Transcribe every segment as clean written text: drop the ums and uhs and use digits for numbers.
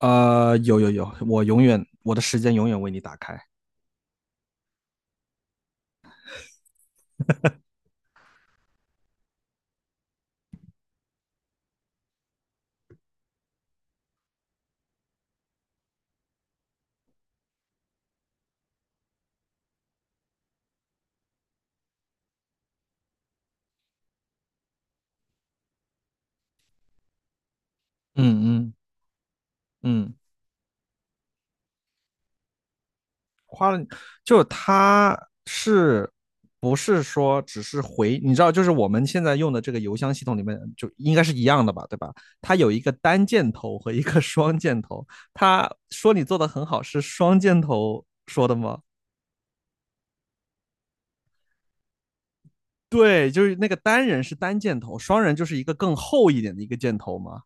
有，我的时间永远为你打开。嗯嗯嗯就他是不是说只是回？你知道，就是我们现在用的这个邮箱系统里面，就应该是一样的吧，对吧？它有一个单箭头和一个 双箭头。他说你做的很好，是双箭头说的吗？对，就是那个单人是单箭头，双人就是一个更厚一点的一个箭头吗？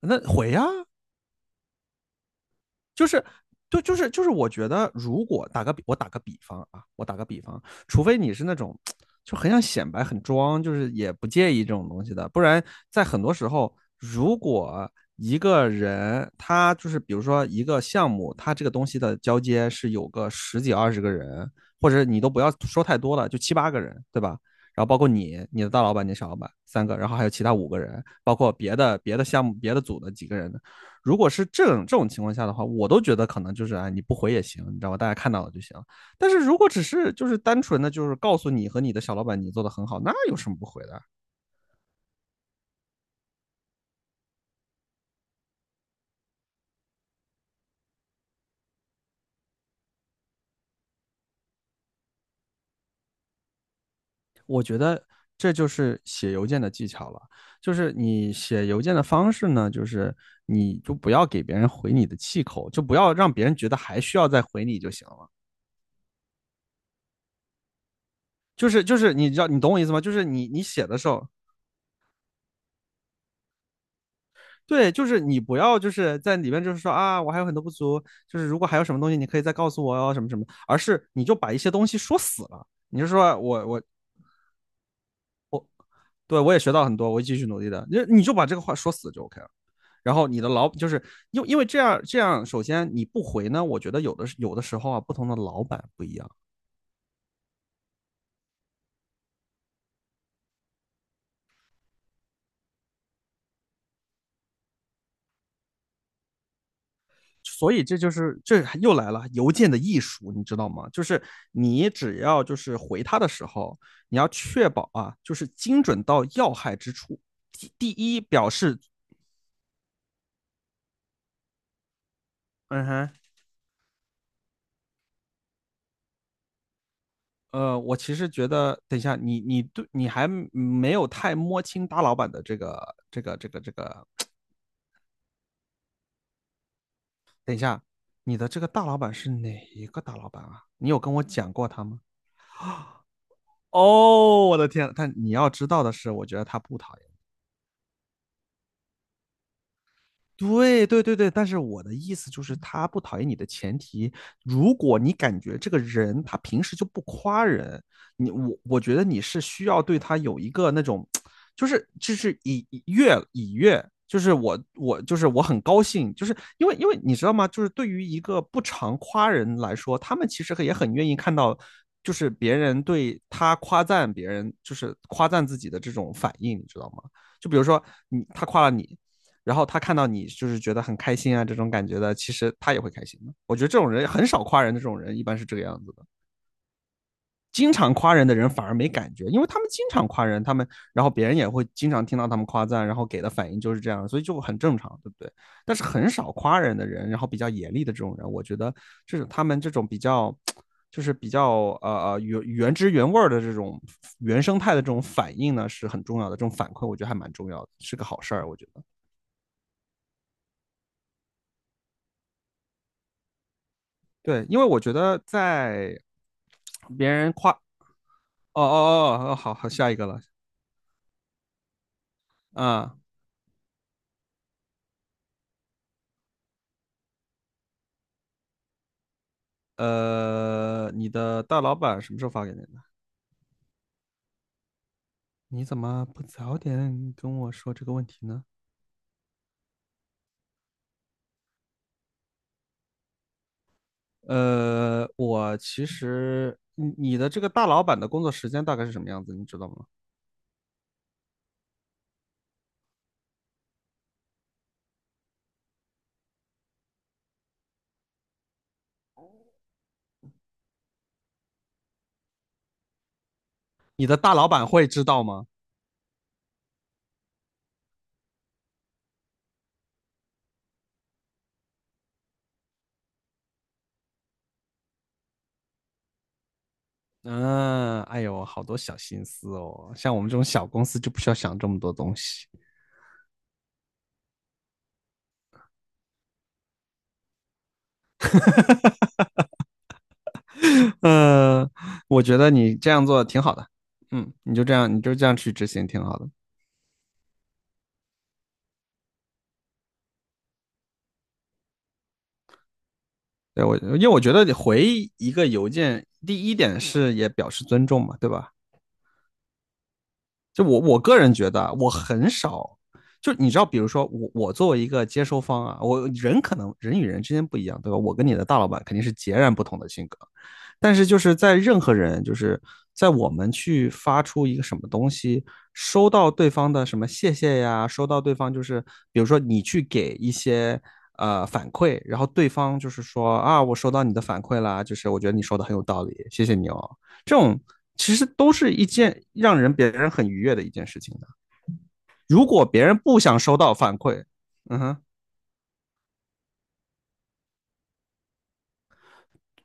那回呀、就是对，就是，我觉得如果打个比，我打个比方啊，我打个比方，除非你是那种就很想显摆、很装，就是也不介意这种东西的，不然在很多时候，如果一个人他就是比如说一个项目，他这个东西的交接是有个十几二十个人，或者你都不要说太多了，就七八个人，对吧？然后包括你、你的大老板、你小老板三个，然后还有其他五个人，包括别的项目、别的组的几个人，如果是这种情况下的话，我都觉得可能就是啊、哎，你不回也行，你知道吧？大家看到了就行。但是如果只是就是单纯的就是告诉你和你的小老板你做的很好，那有什么不回的？我觉得这就是写邮件的技巧了，就是你写邮件的方式呢，就是你就不要给别人回你的气口，就不要让别人觉得还需要再回你就行了。就是你知道你懂我意思吗？就是你写的时候，对，就是你不要就是在里面就是说啊，我还有很多不足，就是如果还有什么东西，你可以再告诉我哦，什么什么，而是你就把一些东西说死了，你就说我对我也学到很多，我会继续努力的，你就把这个话说死就 OK 了。然后你的老就是因为这样，首先你不回呢，我觉得有的时候啊，不同的老板不一样，所以这就是这又来了邮件的艺术，你知道吗？就是你只要就是回他的时候，你要确保啊，就是精准到要害之处。第一，表示嗯哼。我其实觉得，等一下，你还没有太摸清大老板的这个，你的这个大老板是哪一个大老板啊？你有跟我讲过他吗？哦，我的天，但你要知道的是，我觉得他不讨厌。对对对对，但是我的意思就是，他不讨厌你的前提，如果你感觉这个人他平时就不夸人，我觉得你是需要对他有一个那种，就是以悦，就是我就是我很高兴，就是因为你知道吗？就是对于一个不常夸人来说，他们其实也很愿意看到，就是别人对他夸赞别人，就是夸赞自己的这种反应，你知道吗？就比如说他夸了你，然后他看到你就是觉得很开心啊这种感觉的，其实他也会开心的。我觉得这种人很少夸人的，这种人一般是这个样子的。经常夸人的人反而没感觉，因为他们经常夸人，他们然后别人也会经常听到他们夸赞，然后给的反应就是这样，所以就很正常，对不对？但是很少夸人的人，然后比较严厉的这种人，我觉得就是他们这种比较。就是比较原汁原味的这种原生态的这种反应呢，是很重要的。这种反馈我觉得还蛮重要的，是个好事儿。我觉得对，因为我觉得在别人夸，哦哦，好好，下一个了啊。你的大老板什么时候发给你的？你怎么不早点跟我说这个问题呢？我其实你的这个大老板的工作时间大概是什么样子，你知道吗？你的大老板会知道吗？嗯，哎呦，好多小心思哦，像我们这种小公司就不需要想这么多东西。呃，我觉得你这样做挺好的，嗯，你就这样，去执行挺好的。对我，因为我觉得你回一个邮件，第一点是也表示尊重嘛，对吧？就我个人觉得啊，我很少，就你知道，比如说我作为一个接收方啊，可能人与人之间不一样，对吧？我跟你的大老板肯定是截然不同的性格，但是就是在任何人，就是在我们去发出一个什么东西，收到对方的什么谢谢呀，收到对方就是比如说你去给一些反馈，然后对方就是说啊，我收到你的反馈啦，就是我觉得你说的很有道理，谢谢你哦。这种其实都是一件让人别人很愉悦的一件事情的。如果别人不想收到反馈，嗯哼。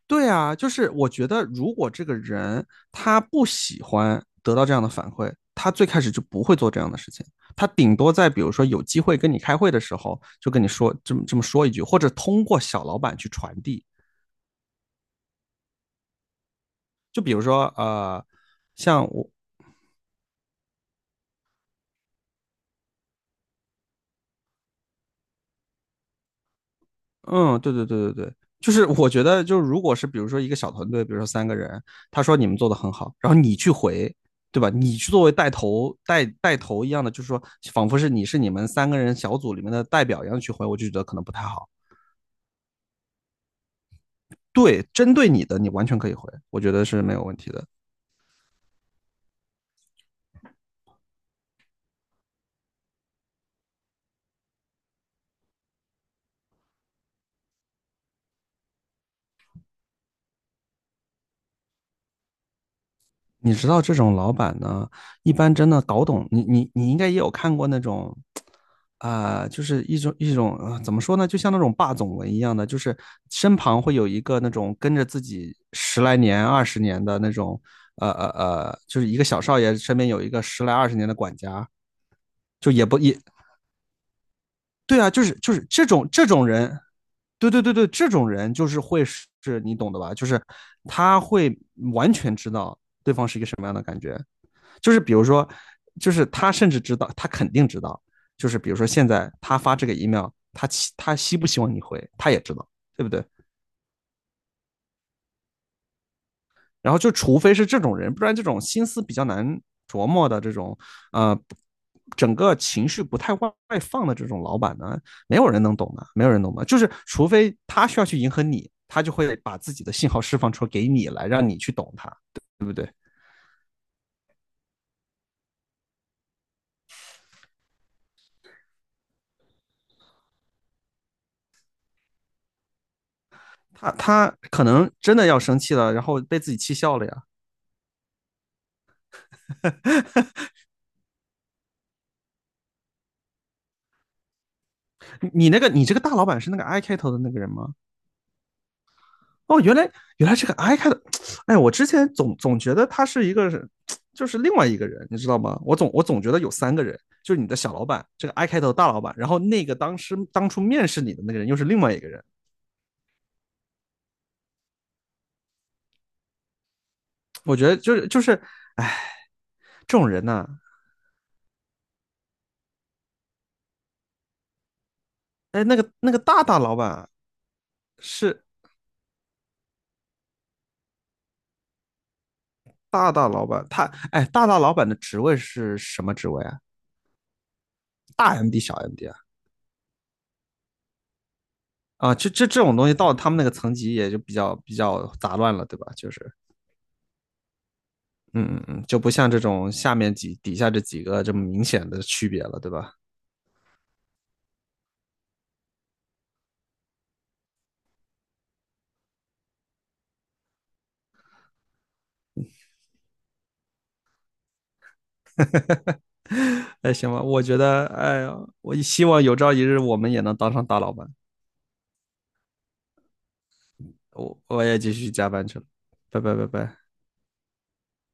对啊，就是我觉得，如果这个人他不喜欢得到这样的反馈，他最开始就不会做这样的事情。他顶多在比如说有机会跟你开会的时候，就跟你说这么说一句，或者通过小老板去传递。就比如说，像我嗯，对对对对对，就是我觉得，就是如果是比如说一个小团队，比如说三个人，他说你们做的很好，然后你去回，对吧？你去作为带头一样的，就是说仿佛是你们三个人小组里面的代表一样去回，我就觉得可能不太好。对，针对你的，你完全可以回，我觉得是没有问题的。你知道这种老板呢，一般真的搞懂你，你应该也有看过那种，啊、就是一种、怎么说呢，就像那种霸总文一样的，就是身旁会有一个那种跟着自己十来年、二十年的那种，就是一个小少爷身边有一个十来二十年的管家，就也不也对啊，就是这种人，对对对对，这种人就是会是你懂的吧，就是他会完全知道对方是一个什么样的感觉。就是比如说，就是他甚至知道，他肯定知道，就是比如说现在他发这个 email，他他希不希望你回，他也知道，对不对？然后就除非是这种人，不然这种心思比较难琢磨的这种，呃，整个情绪不太外放的这种老板呢，没有人能懂的，没有人懂的，就是除非他需要去迎合你，他就会把自己的信号释放出给你来，让你去懂他。他可能真的要生气了，然后被自己气笑了呀。你这个大老板是那个 I 开头的那个人吗？哦，原来这个 I 开头，哎，我之前总觉得他是一个，就是另外一个人，你知道吗？我总觉得有三个人，就是你的小老板，这个 I 开头的大老板，然后那个当时当初面试你的那个人又是另外一个人。我觉得就是，哎，这种人呐、哎，那个大大老板是大大老板，哎大大老板的职位是什么职位啊？大 MD 小 MD 啊？啊，这种东西到他们那个层级也就比较杂乱了，对吧？就是，嗯，就不像这种下面底下这几个这么明显的区别了，对吧？哎，行吧，我觉得，哎呀，我希望有朝一日我们也能当上大老板，我也继续加班去了，拜拜。